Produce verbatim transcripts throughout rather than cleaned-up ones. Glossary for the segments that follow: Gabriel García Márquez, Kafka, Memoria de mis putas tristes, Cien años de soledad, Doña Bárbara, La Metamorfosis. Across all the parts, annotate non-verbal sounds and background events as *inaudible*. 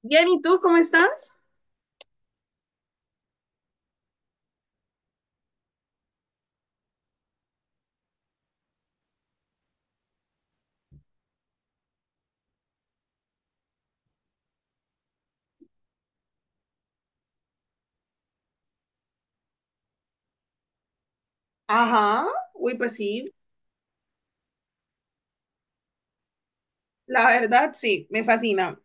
Bien, ¿y tú cómo estás? Ajá, uy, pues sí, la verdad sí, me fascina.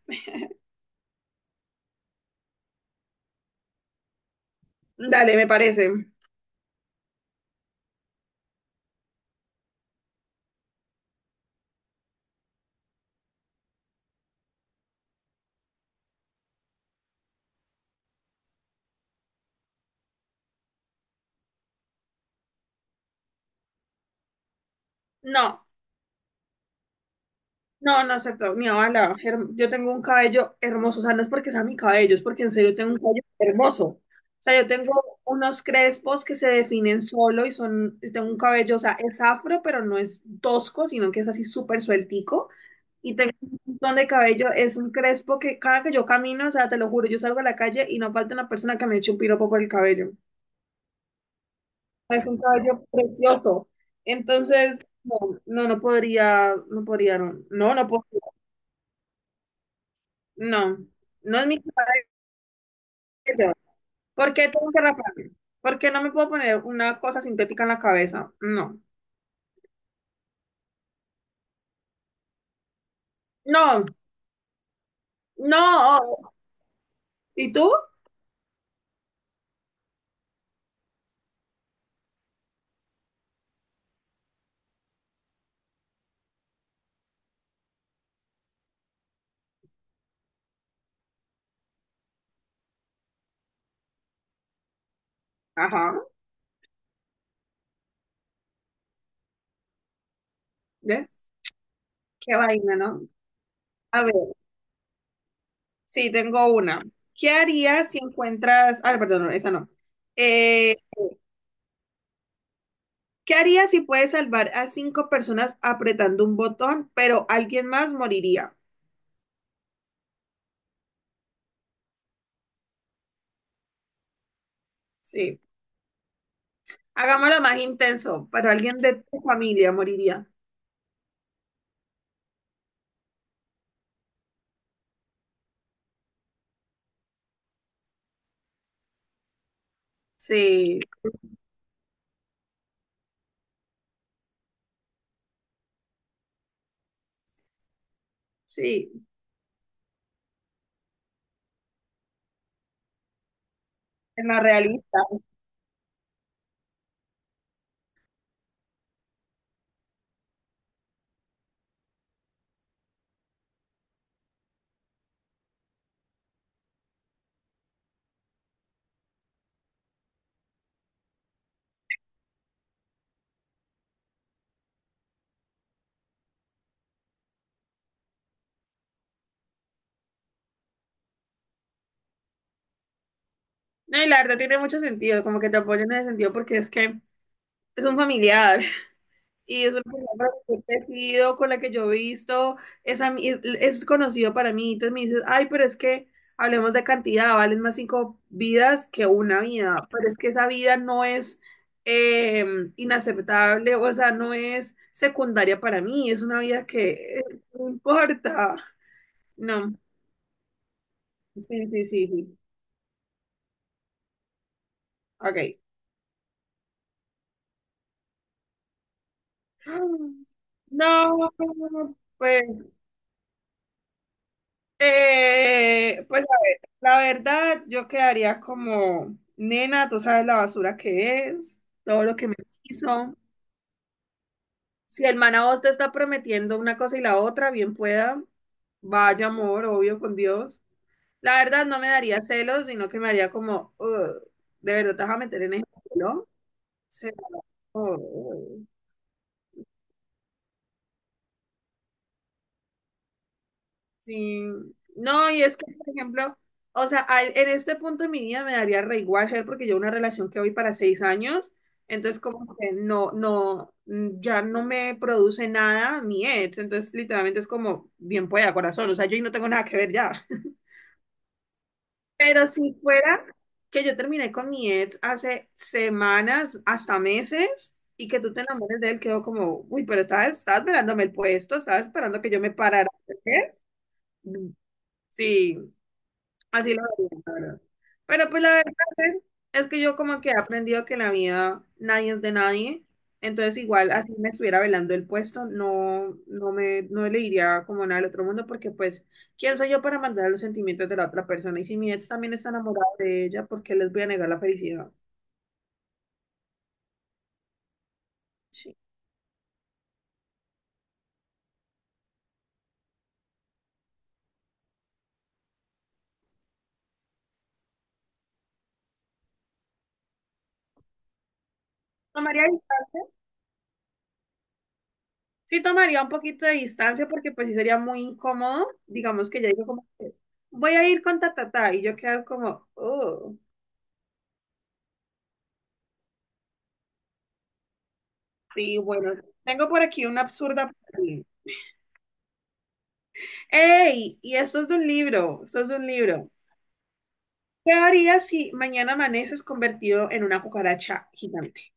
Dale, me parece. No, no, no es cierto, mi abuela, her- yo tengo un cabello hermoso, o sea, no es porque sea mi cabello, es porque en serio tengo un cabello hermoso. O sea, yo tengo unos crespos que se definen solo y son, y tengo un cabello, o sea, es afro, pero no es tosco, sino que es así súper sueltico. Y tengo un montón de cabello, es un crespo que cada que yo camino, o sea, te lo juro, yo salgo a la calle y no falta una persona que me eche un piropo por el cabello. Es un caballo precioso. Entonces, no, no, no podría, no podría, no, no, no podría, no, no es mi caballo. ¿Por qué tengo que raparme? ¿Por qué no me puedo poner una cosa sintética en la cabeza? No, no, no. ¿Y tú? Ajá, ¿ves? Qué vaina, ¿no? A ver, sí, tengo una. ¿Qué harías si encuentras, ah, no, perdón, no, esa no. Eh, ¿qué harías si puedes salvar a cinco personas apretando un botón, pero alguien más moriría? Sí, hagámoslo más intenso, pero alguien de tu familia moriría. Sí, sí, en la realista. No, y la verdad tiene mucho sentido, como que te apoyo en ese sentido porque es que es un familiar. Y es una persona con la que he crecido, con la que yo he visto, es, a mí- es, es conocido para mí. Entonces me dices, ay, pero es que hablemos de cantidad, valen más cinco vidas que una vida. Pero es que esa vida no es eh, inaceptable, o sea, no es secundaria para mí, es una vida que eh, no importa. No, sí, sí, sí, sí. Ok. *gasps* No, pues, eh, pues la verdad, yo quedaría como, nena, tú sabes la basura que es, todo lo que me hizo. Si el man a vos te está prometiendo una cosa y la otra, bien pueda, vaya amor, obvio con Dios. La verdad, no me daría celos, sino que me haría como, "Ugh, de verdad te vas a meter en ese ¿no?" Sí, no, y es que, por ejemplo, o sea, a- en este punto de mi vida me daría re igual, Ger, porque yo una relación que voy para seis años, entonces como que no, no, mm, ya no me produce nada mi ex, entonces literalmente es como, bien pueda, corazón, o sea, yo ahí no tengo nada que ver ya. *laughs* Pero si fuera que yo terminé con mi ex hace semanas, hasta meses, y que tú te enamores de él, quedó como, uy, pero estabas, estabas velándome el puesto, estabas esperando que yo me parara. ¿Ves? Mm, sí. Así lo vería, la verdad. Pero pues la verdad es, es que yo como que he aprendido que en la vida nadie es de nadie. Entonces igual así me estuviera velando el puesto, no, no me, no le diría como nada al otro mundo porque pues, ¿quién soy yo para mandar los sentimientos de la otra persona? Y si mi ex también está enamorado de ella, ¿por qué les voy a negar la felicidad? Sí. Tomaría, sí tomaría un poquito de distancia porque pues sí sería muy incómodo, digamos que ya digo como que voy a ir con ta ta ta y yo quedar como, oh. Sí, bueno, tengo por aquí una absurda para ti. ¡Ey! Y esto es de un libro, esto es de un libro. ¿Qué harías si mañana amaneces convertido en una cucaracha gigante?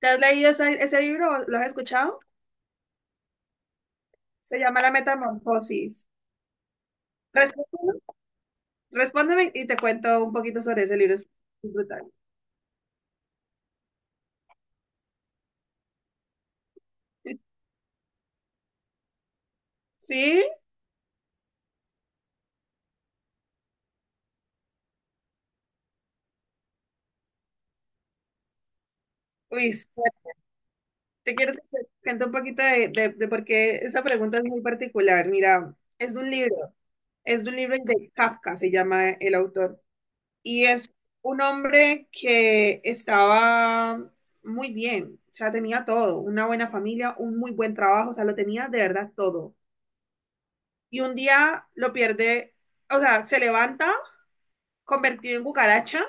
¿Te has leído ese, ese libro? ¿O lo has escuchado? Se llama La Metamorfosis. Respóndeme, respóndeme y te cuento un poquito sobre ese libro. Es brutal. ¿Sí? Uy, sí, te quiero que te cuente un poquito de, de, de por qué esta pregunta es muy particular. Mira, es de un libro, es de un libro de Kafka, se llama el autor. Y es un hombre que estaba muy bien, o sea, tenía todo, una buena familia, un muy buen trabajo, o sea, lo tenía de verdad todo. Y un día lo pierde, o sea, se levanta convertido en cucaracha,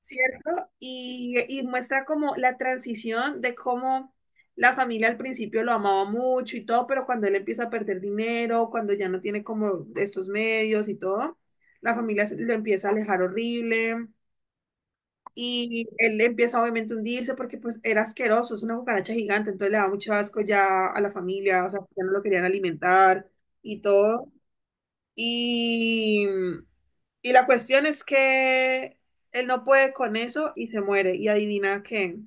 ¿cierto? Y, y muestra como la transición de cómo la familia al principio lo amaba mucho y todo, pero cuando él empieza a perder dinero, cuando ya no tiene como estos medios y todo, la familia se- lo empieza a alejar horrible. Y él empieza obviamente a hundirse porque pues era asqueroso, es una cucaracha gigante, entonces le da mucho asco ya a la familia, o sea, ya no lo querían alimentar y todo. Y, y la cuestión es que él no puede con eso y se muere. Y adivina que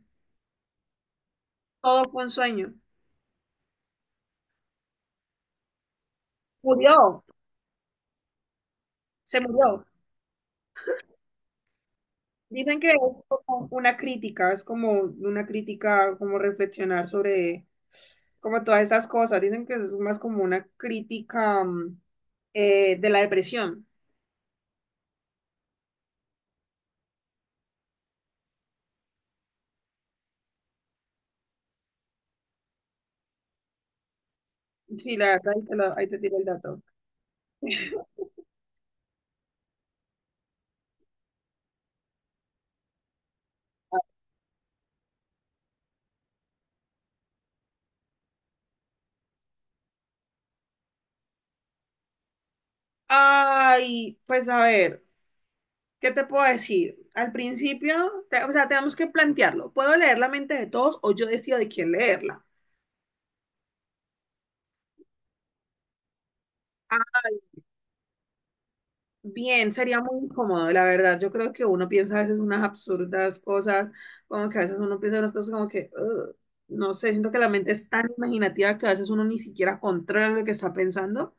todo fue un sueño. Murió, se murió. Dicen que es como una crítica, es como una crítica, como reflexionar sobre como todas esas cosas. Dicen que es más como una crítica mm, eh, de la depresión. Sí, la verdad, ahí te, lo- ahí te tiro el dato. *laughs* Ay, pues a ver, ¿qué te puedo decir? Al principio, te- o sea, tenemos que plantearlo. ¿Puedo leer la mente de todos o yo decido de quién leerla? Bien, sería muy incómodo, la verdad. Yo creo que uno piensa a veces unas absurdas cosas, como que a veces uno piensa unas cosas como que, "Ugh", no sé, siento que la mente es tan imaginativa que a veces uno ni siquiera controla lo que está pensando.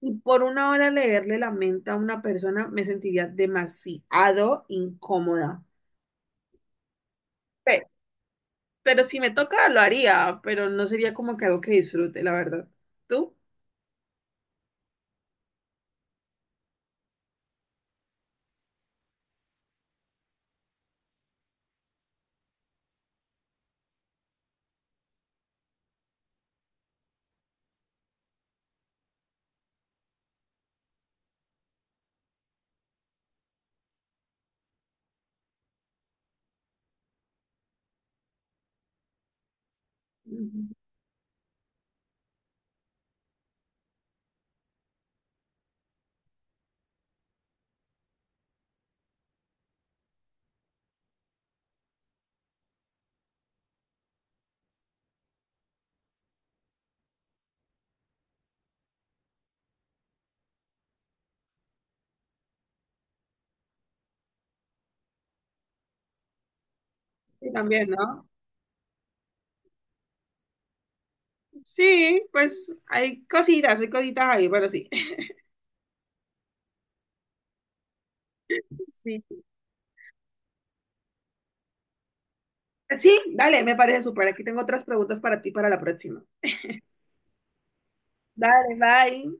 Y por una hora leerle la mente a una persona me sentiría demasiado incómoda. Pe- Pero, si me toca, lo haría, pero no sería como que algo que disfrute, la verdad. ¿Tú? Ujú. Sí, también, ¿no? Sí, pues hay cositas, hay cositas ahí, pero sí. *laughs* Sí, dale, me parece súper. Aquí tengo otras preguntas para ti para la próxima. Dale, bye.